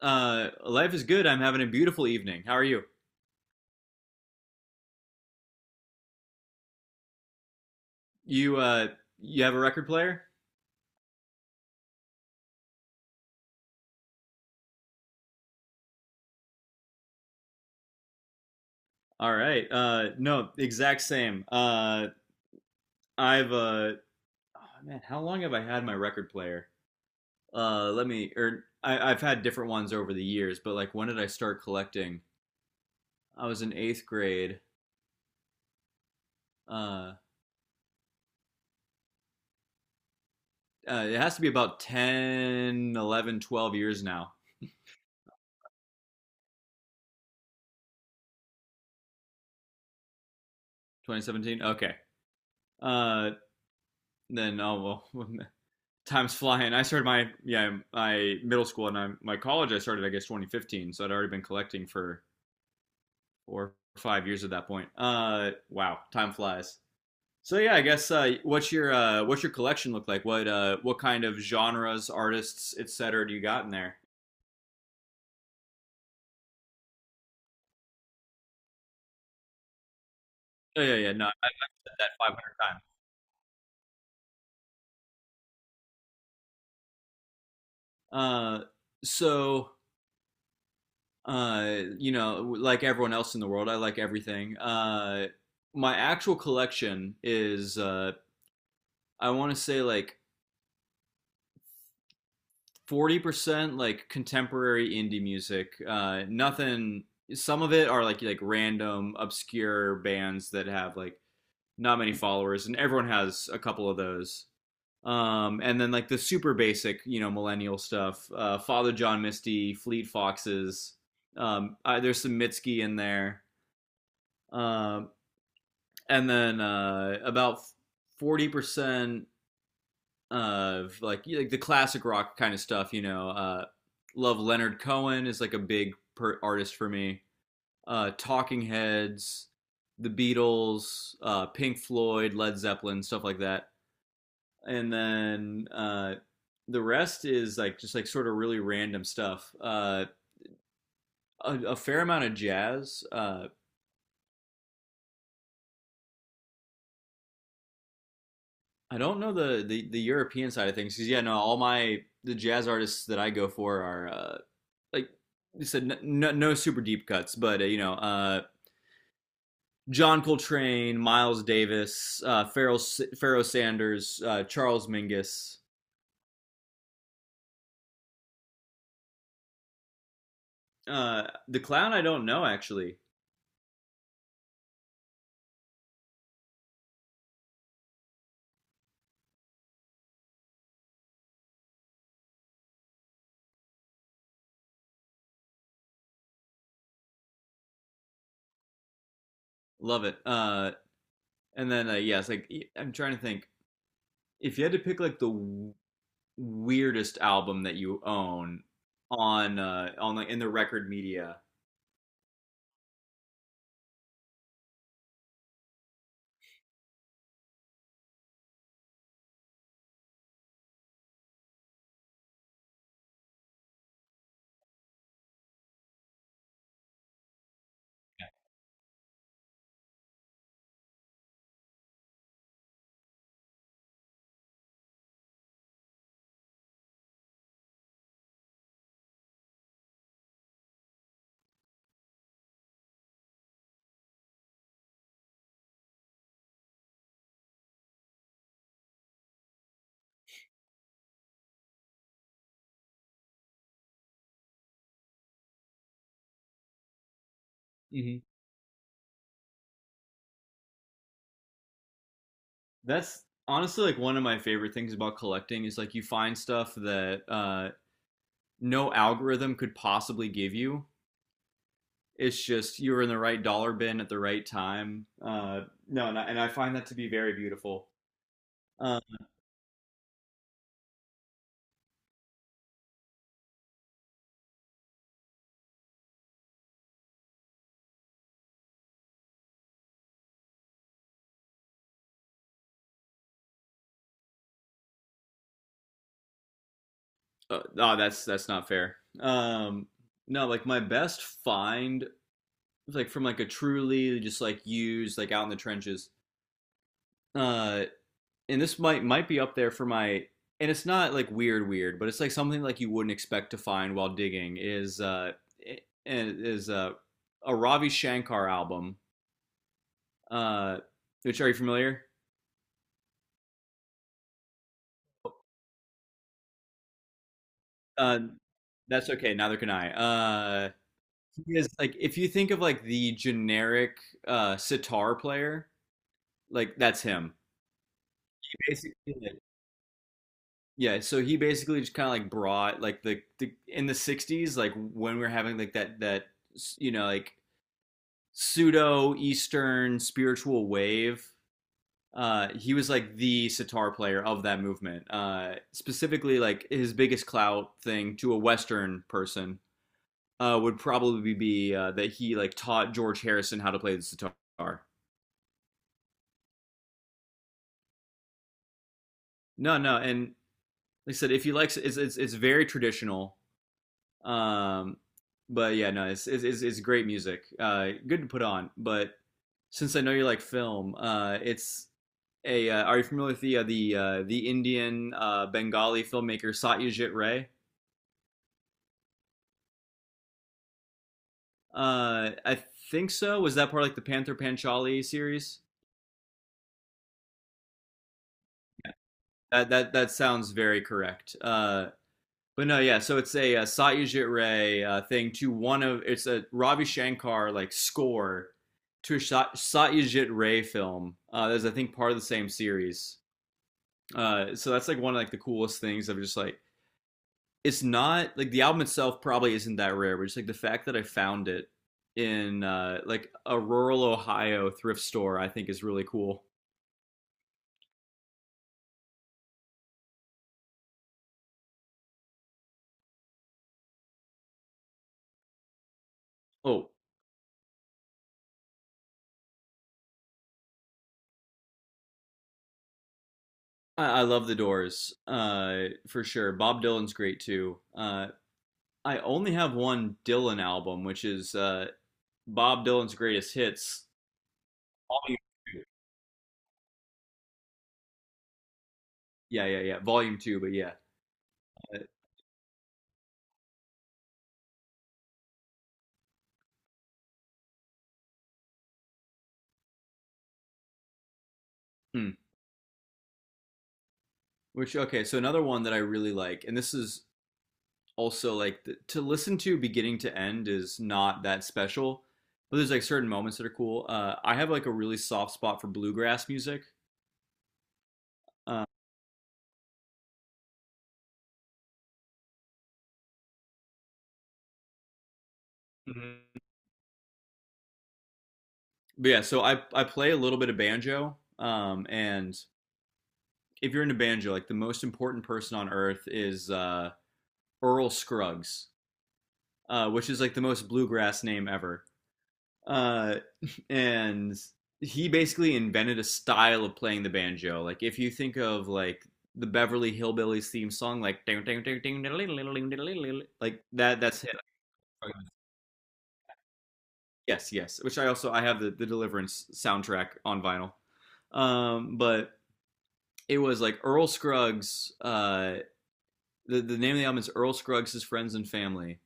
Life is good. I'm having a beautiful evening. How are you? You uh, you have a record player? All right. No, exact same. I've uh, oh, Man, how long have I had my record player? Let me, or I've had different ones over the years, but like when did I start collecting? I was in eighth grade. Uh, it has to be about 10, 11, 12 years now. 2017. Okay. Uh, then, oh, well, time's flying. I started my, yeah, my middle school, and my college. I started, I guess, 2015, so I'd already been collecting for 4 or 5 years at that point. Wow, time flies. So yeah, I guess, what's your collection look like? What kind of genres, artists, etc. do you got in there? Oh, yeah, yeah, no, I've said that 500 times. Uh, so like everyone else in the world, I like everything. My actual collection is, I want to say, like 40% like contemporary indie music. Nothing. Some of it are like random obscure bands that have like not many followers, and everyone has a couple of those. And then like the super basic, millennial stuff. Father John Misty, Fleet Foxes. There's some Mitski in there. Um, uh, and then, about 40% of like the classic rock kind of stuff. You know, love Leonard Cohen is like a big artist for me. Talking Heads, The Beatles, Pink Floyd, Led Zeppelin, stuff like that. And then, the rest is like just like sort of really random stuff. A fair amount of jazz. I don't know the European side of things, because yeah, no, all my the jazz artists that I go for are, like you said, no, no super deep cuts, but, John Coltrane, Miles Davis, Pharoah Sanders, Charles Mingus, the Clown. I don't know actually. Love it. And then Yes, yeah, like I'm trying to think. If you had to pick like the weirdest album that you own, on, like, in the record media. Mhm. That's honestly like one of my favorite things about collecting is, like, you find stuff that no algorithm could possibly give you. It's just you were in the right dollar bin at the right time. No, and I find that to be very beautiful. Um, oh, that's not fair. No, like my best find, like from like a truly just like used, like, out in the trenches. Uh, and this might be up there for my, and it's not like weird weird, but it's like something like you wouldn't expect to find while digging is, is uh, a Ravi Shankar album, uh, which, are you familiar? Uh, that's okay. Neither can I. Uh, he is, like, if you think of, like, the generic sitar player, like, that's him. He basically, like, yeah. So he basically just kind of like brought like the in the '60s, like when we are having like that you know like pseudo Eastern spiritual wave. He was like the sitar player of that movement. Specifically, like his biggest clout thing to a Western person would probably be, that he like taught George Harrison how to play the sitar. No, no, and like I said, if you like, it's very traditional. Um, but yeah, no, great music. Good to put on. But since I know you like film, it's a. Are you familiar with the Indian, Bengali filmmaker Satyajit Ray? I think so. Was that part of, like, the Panther Panchali series? That sounds very correct. But no, yeah. So Satyajit Ray, thing to one of, it's a Ravi Shankar like score to a Satyajit Ray film. That's, I think, part of the same series. So that's like one of, like, the coolest things of just like it's not like the album itself probably isn't that rare, but just like the fact that I found it in, like a rural Ohio thrift store, I think is really cool. Oh, I love the Doors, for sure. Bob Dylan's great too. I only have one Dylan album, which is, Bob Dylan's Greatest Hits, Volume 2. Yeah, yeah, yeah, Volume 2. But yeah. Uh, hmm. Which, okay. So another one that I really like, and this is also like to listen to beginning to end is not that special, but there's like certain moments that are cool. I have like a really soft spot for bluegrass music. Uh, mm-hmm. But yeah, so I play a little bit of banjo. And if you're into banjo, like the most important person on earth is, Earl Scruggs. Which is like the most bluegrass name ever. Uh, and he basically invented a style of playing the banjo. Like if you think of like the Beverly Hillbillies theme song, like ding, ding, ding, ding, diddle, diddle, diddle, diddle, diddle, diddle, like that. That's it. Yes, yes. Which I also I have the Deliverance soundtrack on vinyl. But it was like Earl Scruggs. The name of the album is Earl Scruggs' His Friends and Family,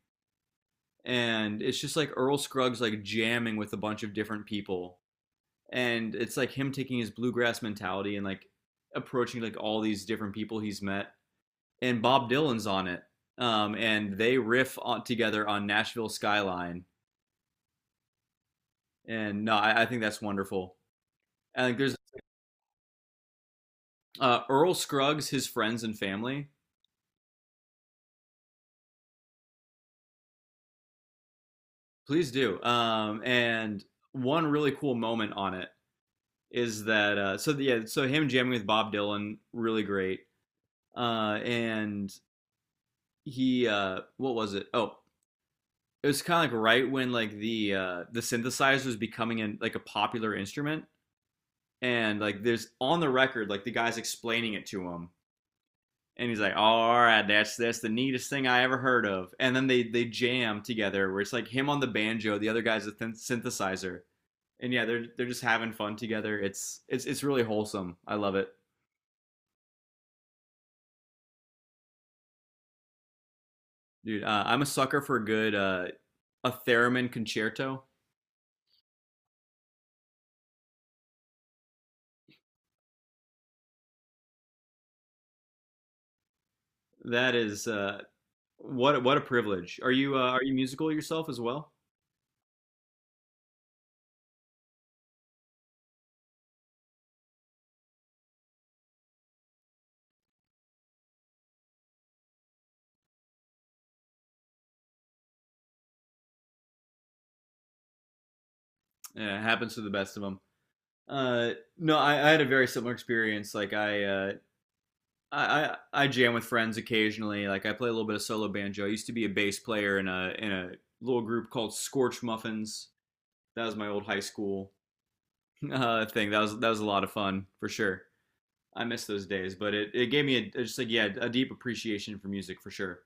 and it's just like Earl Scruggs like jamming with a bunch of different people, and it's like him taking his bluegrass mentality and like approaching like all these different people he's met, and Bob Dylan's on it. And they riff on, together, on Nashville Skyline. And no, I think that's wonderful. I think there's Earl Scruggs His Friends and Family. Please do. And one really cool moment on it is that, yeah, so him jamming with Bob Dylan, really great. And he, what was it, oh, it was kind of like right when like the synthesizer was becoming like a popular instrument. And like there's on the record, like the guy's explaining it to him, and he's like, oh, all right, that's the neatest thing I ever heard of. And then they jam together, where it's like him on the banjo, the other guy's a synthesizer. And yeah, they're just having fun together. It's really wholesome. I love it. Dude, I'm a sucker for a good, a theremin concerto. That is, what a privilege. Are you musical yourself as well? Yeah, it happens to the best of them. Uh, no, I had a very similar experience. Like I, I jam with friends occasionally. Like I play a little bit of solo banjo. I used to be a bass player in a little group called Scorch Muffins. That was my old high school. Thing. That was a lot of fun for sure. I miss those days, but it gave me a, just like, yeah, a deep appreciation for music for sure.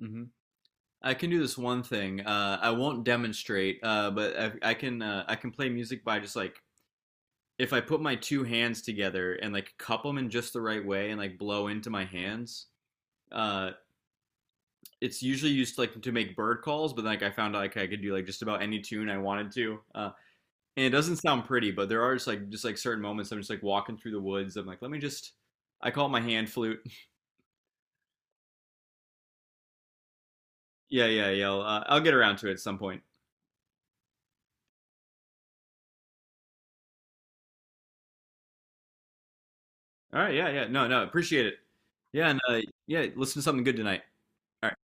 Mm-hmm. I can do this one thing. I won't demonstrate, but I can play music by just like, if I put my two hands together and like cup them in just the right way and like blow into my hands. uh, it's usually used like to make bird calls. But like I found out like I could do like just about any tune I wanted to, and it doesn't sound pretty. But there are just like certain moments I'm just like walking through the woods. I'm like, let me just. I call it my hand flute. Yeah, yeah, yeah. I'll get around to it at some point. All right. Yeah, yeah. No, no. Appreciate it. Yeah, and, yeah. Listen to something good tonight. All right.